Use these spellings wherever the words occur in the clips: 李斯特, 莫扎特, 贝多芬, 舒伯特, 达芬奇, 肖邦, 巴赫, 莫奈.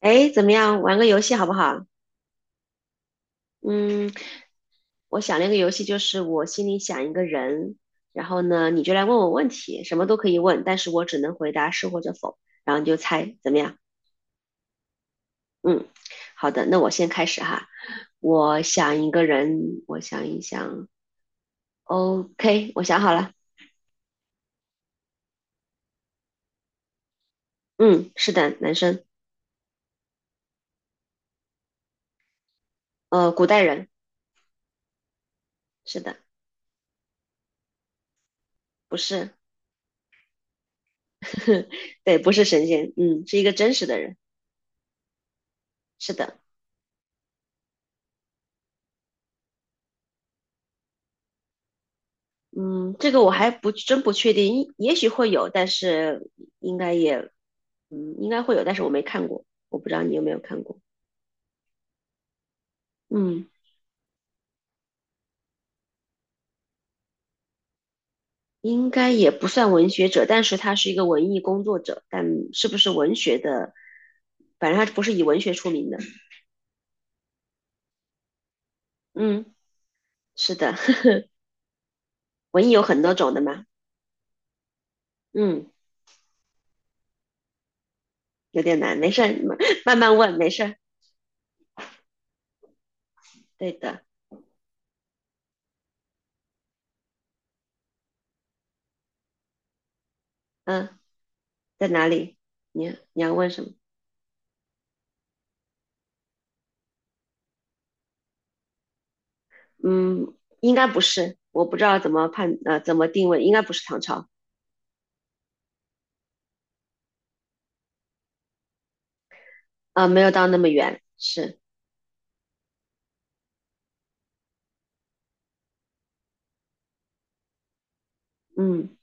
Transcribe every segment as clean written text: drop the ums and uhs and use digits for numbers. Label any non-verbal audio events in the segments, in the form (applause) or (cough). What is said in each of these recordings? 哎，怎么样？玩个游戏好不好？嗯，我想了一个游戏，就是我心里想一个人，然后呢，你就来问我问题，什么都可以问，但是我只能回答是或者否，然后你就猜，怎么样？嗯，好的，那我先开始哈。我想一个人，我想一想，OK，我想好了。嗯，是的，男生，古代人，是的，不是，(laughs) 对，不是神仙，嗯，是一个真实的人，是的。嗯，这个我还不真不确定，也许会有，但是应该也，嗯，应该会有，但是我没看过，我不知道你有没有看过。嗯，应该也不算文学者，但是他是一个文艺工作者，但是不是文学的，反正他不是以文学出名的。嗯，是的，(laughs) 文艺有很多种的嘛。嗯，有点难，没事儿，慢慢问，没事儿。对的，嗯，在哪里？你要问什么？嗯，应该不是，我不知道怎么定位，应该不是唐朝，没有到那么远，是，嗯，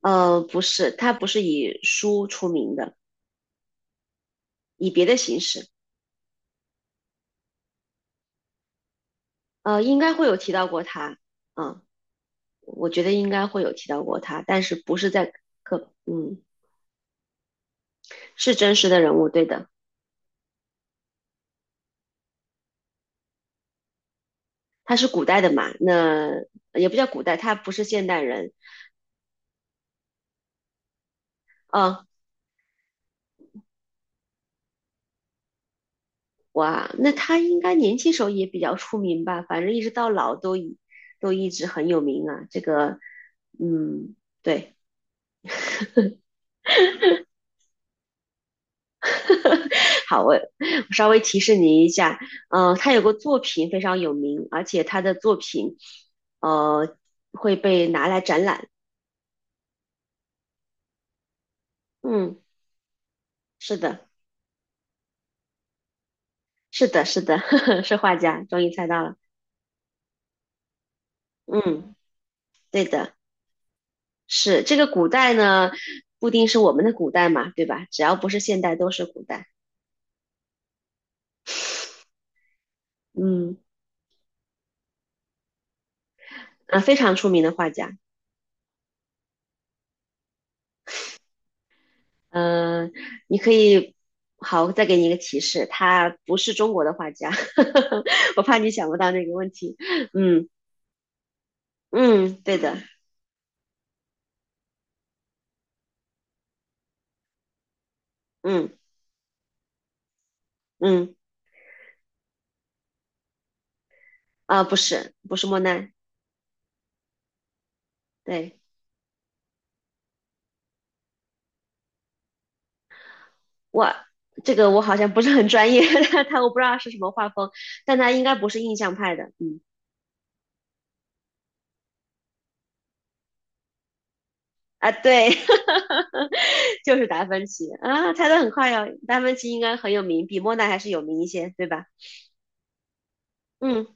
不是，他不是以书出名的，以别的形式，应该会有提到过他，嗯，我觉得应该会有提到过他，但是不是在课，嗯，是真实的人物，对的，他是古代的嘛，那也不叫古代，他不是现代人，嗯、哇，那他应该年轻时候也比较出名吧？反正一直到老都一都一直很有名啊。这个，嗯，对，(laughs) 好，我稍微提示您一下，他有个作品非常有名，而且他的作品，呃，会被拿来展览。嗯，是的，是的，是的，(laughs) 是画家，终于猜到了。嗯，对的，是这个古代呢，不一定是我们的古代嘛，对吧？只要不是现代，都是古代。嗯。啊，非常出名的画家。嗯、你可以，好，再给你一个提示，他不是中国的画家，(laughs) 我怕你想不到那个问题。嗯嗯，对的，嗯嗯啊，不是莫奈，对我这个我好像不是很专业，(laughs) 他我不知道是什么画风，但他应该不是印象派的，嗯啊对，(laughs) 就是达芬奇啊，猜的很快哟，达芬奇应该很有名，比莫奈还是有名一些，对吧？嗯。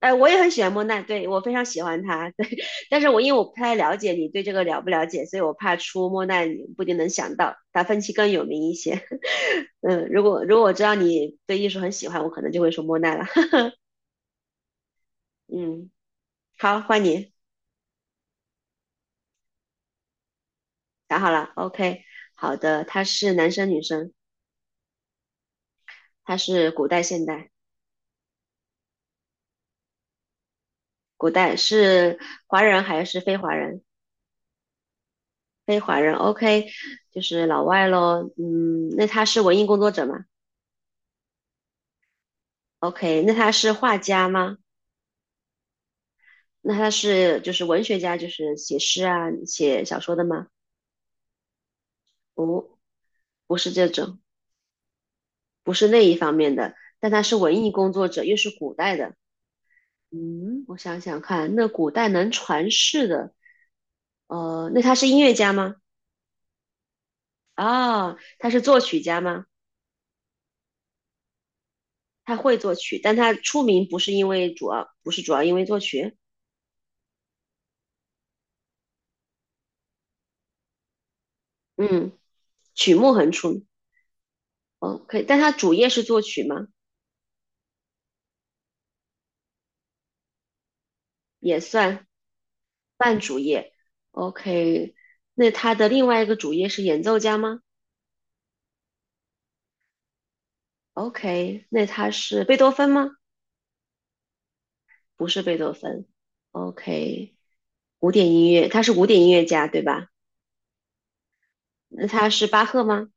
哎，我也很喜欢莫奈，对，我非常喜欢他，对，(laughs) 但是我因为我不太了解你对这个了不了解，所以我怕出莫奈你不一定能想到，达芬奇更有名一些。(laughs) 嗯，如果我知道你对艺术很喜欢，我可能就会说莫奈了。(laughs) 嗯，好，换你，想好了，OK，好的，他是男生女生？他是古代现代？古代是华人还是非华人？非华人，OK，就是老外咯。嗯，那他是文艺工作者吗？OK，那他是画家吗？那他是就是文学家，就是写诗啊、写小说的吗？不，不是这种，不是那一方面的。但他是文艺工作者，又是古代的。嗯，我想想看，那古代能传世的，那他是音乐家吗？啊、他是作曲家吗？他会作曲，但他出名不是因为主要，不是主要因为作曲。嗯，曲目很出名。哦，可以，但他主业是作曲吗？也算。半主业，OK。那他的另外一个主业是演奏家吗？OK。那他是贝多芬吗？不是贝多芬，OK。古典音乐，他是古典音乐家，对吧？那他是巴赫吗？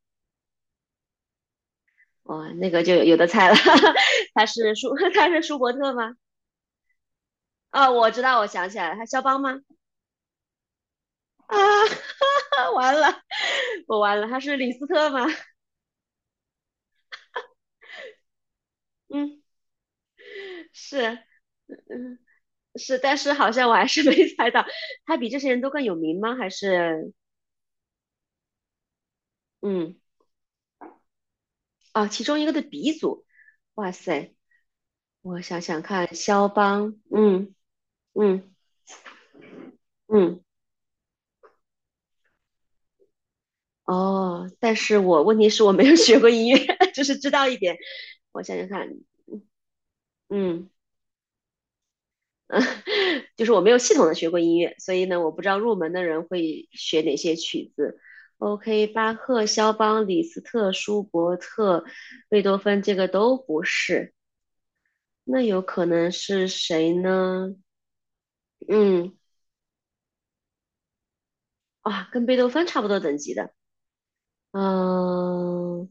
哇、那个就有的猜了，(laughs) 他是舒 (laughs)，他是舒伯特吗？啊、我知道，我想起来了，他肖邦吗？啊，(laughs) 完了，我完了，他是李斯特吗？嗯，是。嗯。是，但是好像我还是 (laughs) 没猜到，他比这些人都更有名吗？还是嗯啊，其中一个的鼻祖，哇塞，我想想看，肖邦，嗯嗯嗯，哦，但是我问题是我没有学过音乐，(laughs) 就是知道一点，我想想看，嗯嗯，(laughs) 就是我没有系统的学过音乐，所以呢，我不知道入门的人会学哪些曲子。OK，巴赫、肖邦、李斯特、舒伯特、贝多芬，这个都不是。那有可能是谁呢？嗯，哇，跟贝多芬差不多等级的，嗯，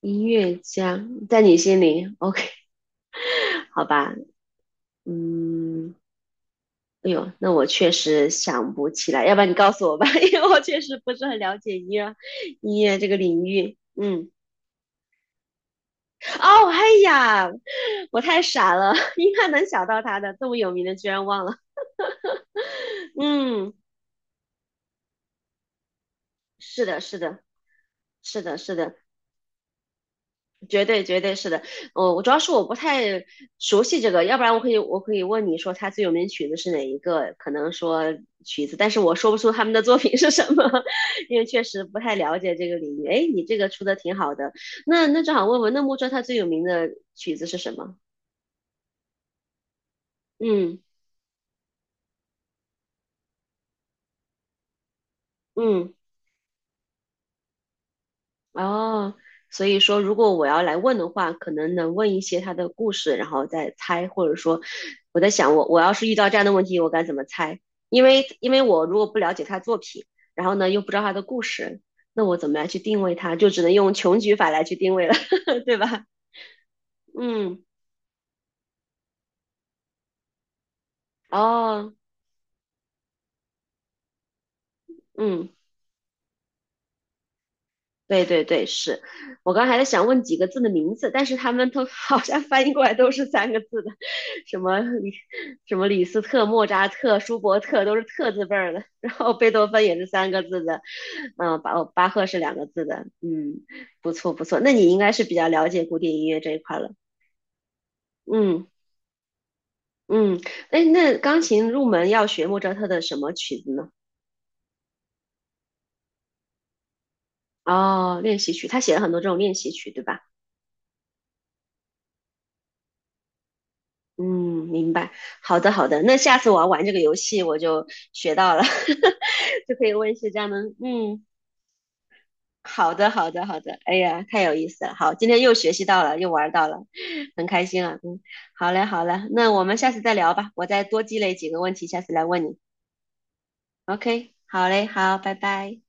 音乐家，在你心里，OK，(laughs) 好吧，嗯，哎呦，那我确实想不起来，要不然你告诉我吧，(laughs) 因为我确实不是很了解音乐这个领域。嗯，哦，哎呀，我太傻了，(laughs) 应该能想到他的，这么有名的居然忘了。嗯，是的，是的，是的，是的，绝对绝对是的，我主要是我不太熟悉这个，要不然我可以问你说他最有名的曲子是哪一个？可能说曲子，但是我说不出他们的作品是什么，(laughs) 因为确实不太了解这个领域。哎，你这个出的挺好的，那正好问问，那木车他最有名的曲子是什么？嗯嗯。哦，所以说，如果我要来问的话，可能能问一些他的故事，然后再猜，或者说，我在想我，我要是遇到这样的问题，我该怎么猜？因为我如果不了解他作品，然后呢又不知道他的故事，那我怎么来去定位他？就只能用穷举法来去定位了，(laughs) 对吧？嗯，哦，嗯。对对对，是我刚还在想问几个字的名字，但是他们都 (laughs) 好像翻译过来都是三个字的，什么李什么李斯特、莫扎特、舒伯特都是特字辈儿的，然后贝多芬也是三个字的，嗯，巴赫是两个字的，嗯，不错不错，那你应该是比较了解古典音乐这一块了，嗯嗯，哎，那钢琴入门要学莫扎特的什么曲子呢？哦，练习曲，他写了很多这种练习曲，对吧？嗯，明白。好的，好的。那下次我要玩这个游戏，我就学到了，(laughs) 就可以问一些家人们。嗯，好的，好的，好的。哎呀，太有意思了。好，今天又学习到了，又玩到了，很开心啊。嗯，好嘞，好嘞。那我们下次再聊吧，我再多积累几个问题，下次来问你。OK，好嘞，好，拜拜。